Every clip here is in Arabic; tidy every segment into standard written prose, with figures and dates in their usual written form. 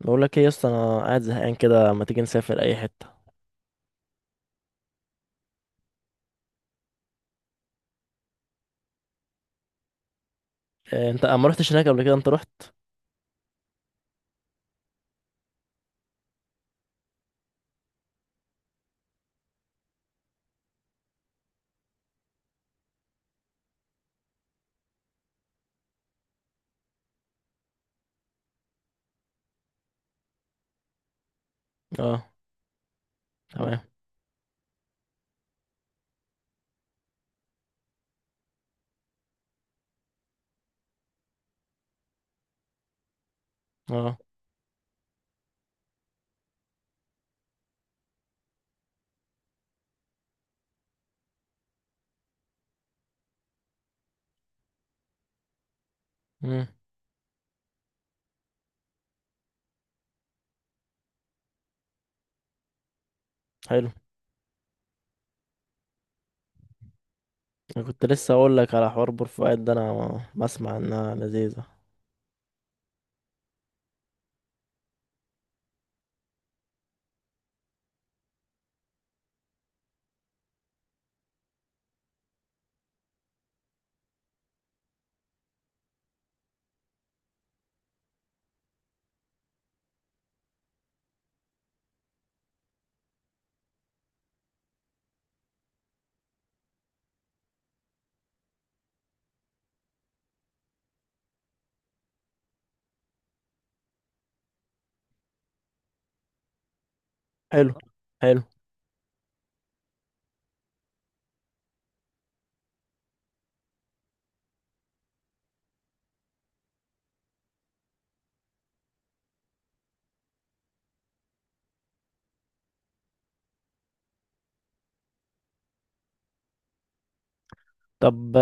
بقول لك ايه يا اسطى، انا قاعد زهقان كده، ما تيجي نسافر اي حته؟ إيه، انت ما رحتش هناك قبل كده؟ انت رحت؟ اه. تمام. اه. امم حلو. انا كنت لسه اقول لك على حوار بورفؤاد ده، انا بسمع انها لذيذه. حلو، حلو. طب،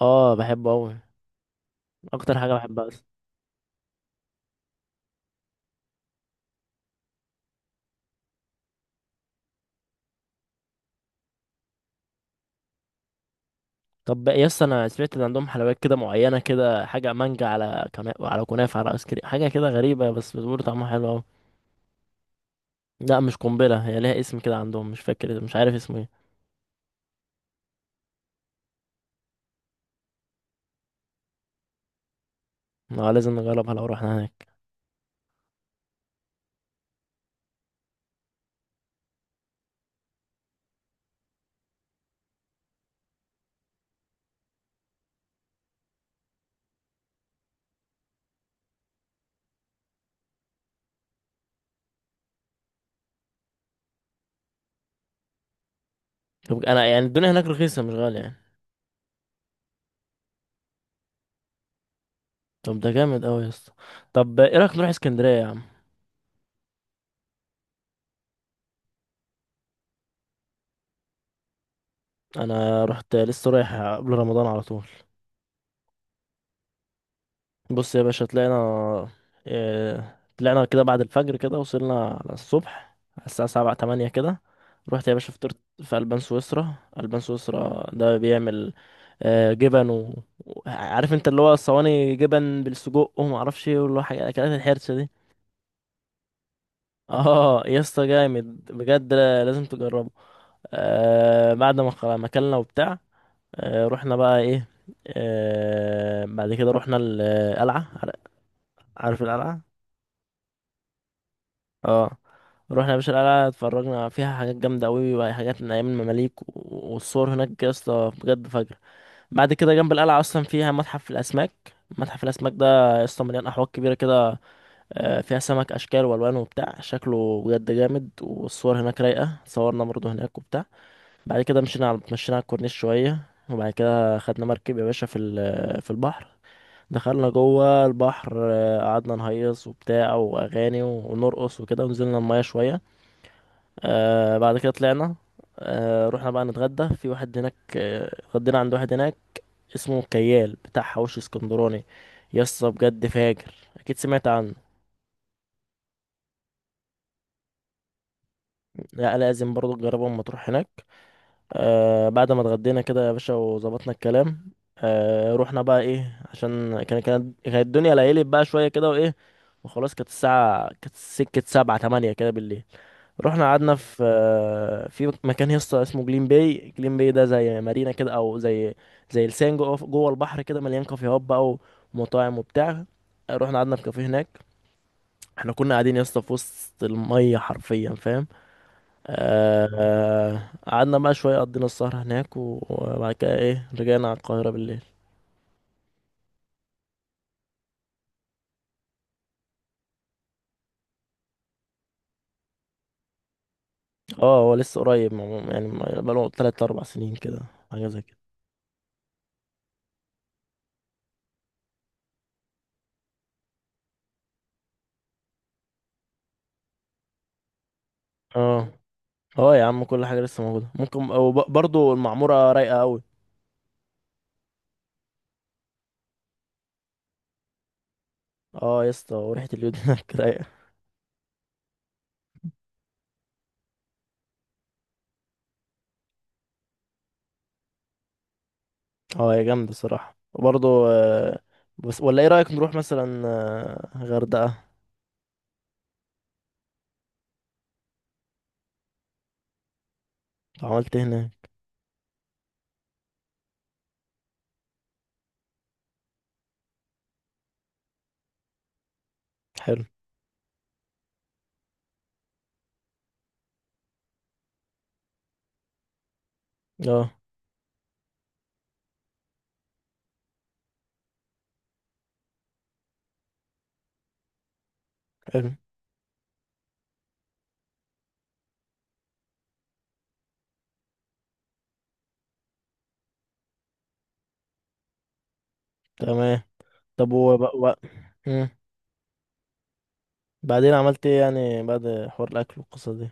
اه بحبه قوي، اكتر حاجه بحبها اصلا. طب يا اسطى، انا سمعت ان عندهم حلويات كده معينه، كده حاجه مانجا على على كنافه على ايس كريم، حاجه كده غريبه بس بتقول طعمها حلو قوي. لا مش قنبله، هي ليها اسم كده عندهم، مش فاكر، مش عارف اسمه ايه. لازم نجربها لو رحنا هناك. طب انا يعني الدنيا هناك رخيصه مش غاليه يعني؟ طب ده جامد قوي يا اسطى. طب ايه رايك نروح اسكندريه يا عم؟ انا رحت لسه، رايح قبل رمضان على طول. بص يا باشا، طلعنا كده بعد الفجر كده، وصلنا على الصبح على الساعه 7 8 كده. رحت يا باشا فطرت في البان سويسرا. البان سويسرا ده بيعمل جبن عارف انت اللي هو الصواني جبن بالسجق، وما اعرفش ايه، واللي هو حاجه اكلات الحرشه دي. اه يا اسطى جامد بجد، لازم تجربه. بعد ما ما اكلنا وبتاع. رحنا بقى ايه. بعد كده رحنا القلعة. عارف القلعة؟ اه. رحنا يا باشا القلعة، اتفرجنا فيها حاجات جامدة قوي وحاجات من ايام المماليك، والصور هناك يا اسطى بجد فجر. بعد كده جنب القلعة اصلا فيها متحف الاسماك. متحف الاسماك ده يا اسطى مليان احواض كبيرة كده، فيها سمك اشكال والوان وبتاع، شكله بجد جامد، والصور هناك رايقة، صورنا برضه هناك وبتاع. بعد كده مشينا على الكورنيش شوية، وبعد كده خدنا مركب يا باشا في في البحر. دخلنا البحر، قعدنا نهيص وبتاع، وأغاني ونرقص وكده، ونزلنا المية شوية. بعد كده طلعنا. رحنا بقى نتغدى في واحد هناك، اتغدينا عند واحد هناك اسمه كيال، بتاع حواوشي اسكندراني. يسطا بجد فاجر، أكيد سمعت عنه. لا، لازم برضه تجربه لما تروح هناك. بعد ما اتغدينا كده يا باشا وظبطنا الكلام، رحنا بقى ايه عشان كانت الدنيا ليلت بقى شويه كده وايه، وخلاص، كانت الساعه، كانت سكه 7 8 كده بالليل. رحنا قعدنا في في مكان يسطا اسمه جليم باي. جليم باي ده زي مارينا كده، او زي لسان جوه البحر كده، مليان كافيهات بقى ومطاعم وبتاع. رحنا قعدنا في كافيه هناك. احنا كنا قاعدين يسطا في وسط الميه حرفيا، فاهم؟ قعدنا بقى شوية، قضينا السهرة هناك، وبعد كده ايه، رجعنا على القاهرة بالليل. اه هو لسه قريب عموما، يعني بقاله 3 4 سنين كده، حاجة زي كده. اه. اه يا عم، كل حاجة لسه موجودة ممكن، وبرضه المعمورة رايقة أوي. اه يا اسطى، وريحة اليود هناك رايقة. اه هي جامدة الصراحة، وبرضه بس ولا ايه رأيك نروح مثلا غردقة؟ لو عملت إيه هناك؟ حلو. اه. حلو. تمام. طب و... بعدين عملت ايه يعني، بعد حوار الاكل والقصة دي؟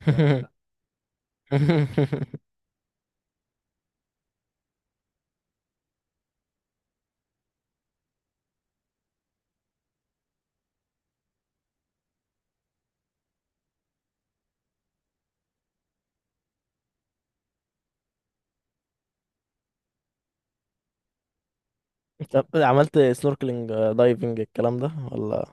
لا. لا، طب عملت سنوركلينج دايفنج الكلام ده ولا؟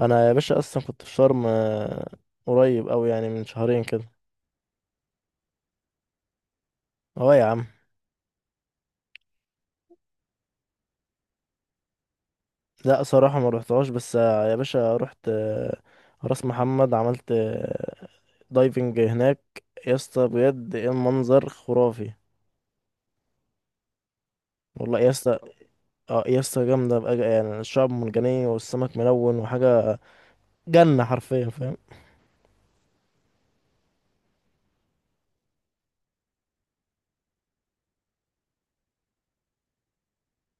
انا يا باشا اصلا كنت في شرم، قريب قوي يعني، من شهرين كده. اه يا عم. لا صراحة ما روحتهاش، بس يا باشا رحت راس محمد، عملت دايفنج هناك. يا اسطى بجد ايه المنظر خرافي. والله يا اسطى. اه يا اسطى جامدة بقى، يعني الشعب مرجانية والسمك ملون وحاجة، جنة حرفيا فاهم.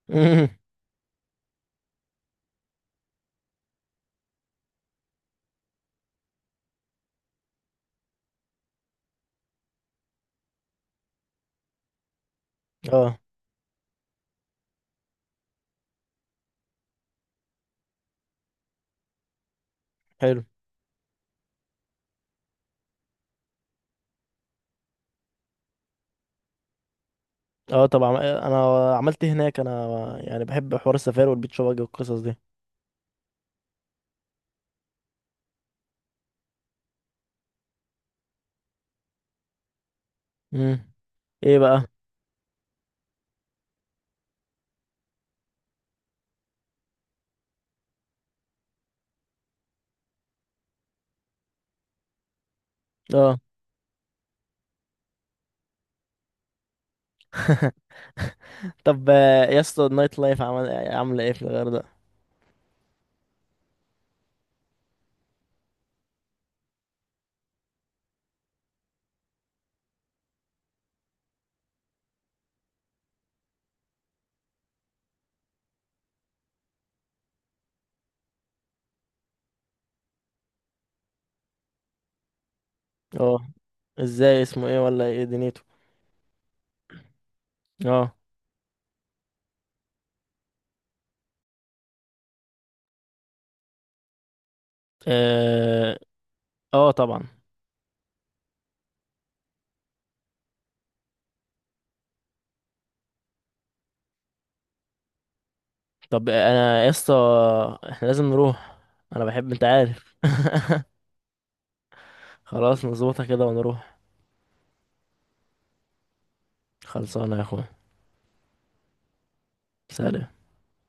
اه. حلو. اه طبعا. انا عملت إيه هناك انا، يعني بحب حوار السفاري والبيتش باجي والقصص دي. امم ايه بقى. اه. طب يا اسطى النايت لايف عمل عامله ايه في الغردقه؟ اه. ازاي، اسمه ايه ولا ايه دنيته؟ اه. اه. آه طبعا. طب انا يا اسطى، احنا لازم نروح، انا بحب، انت عارف. خلاص نظبطها كده ونروح. خلصانه يا اخويا. سلام.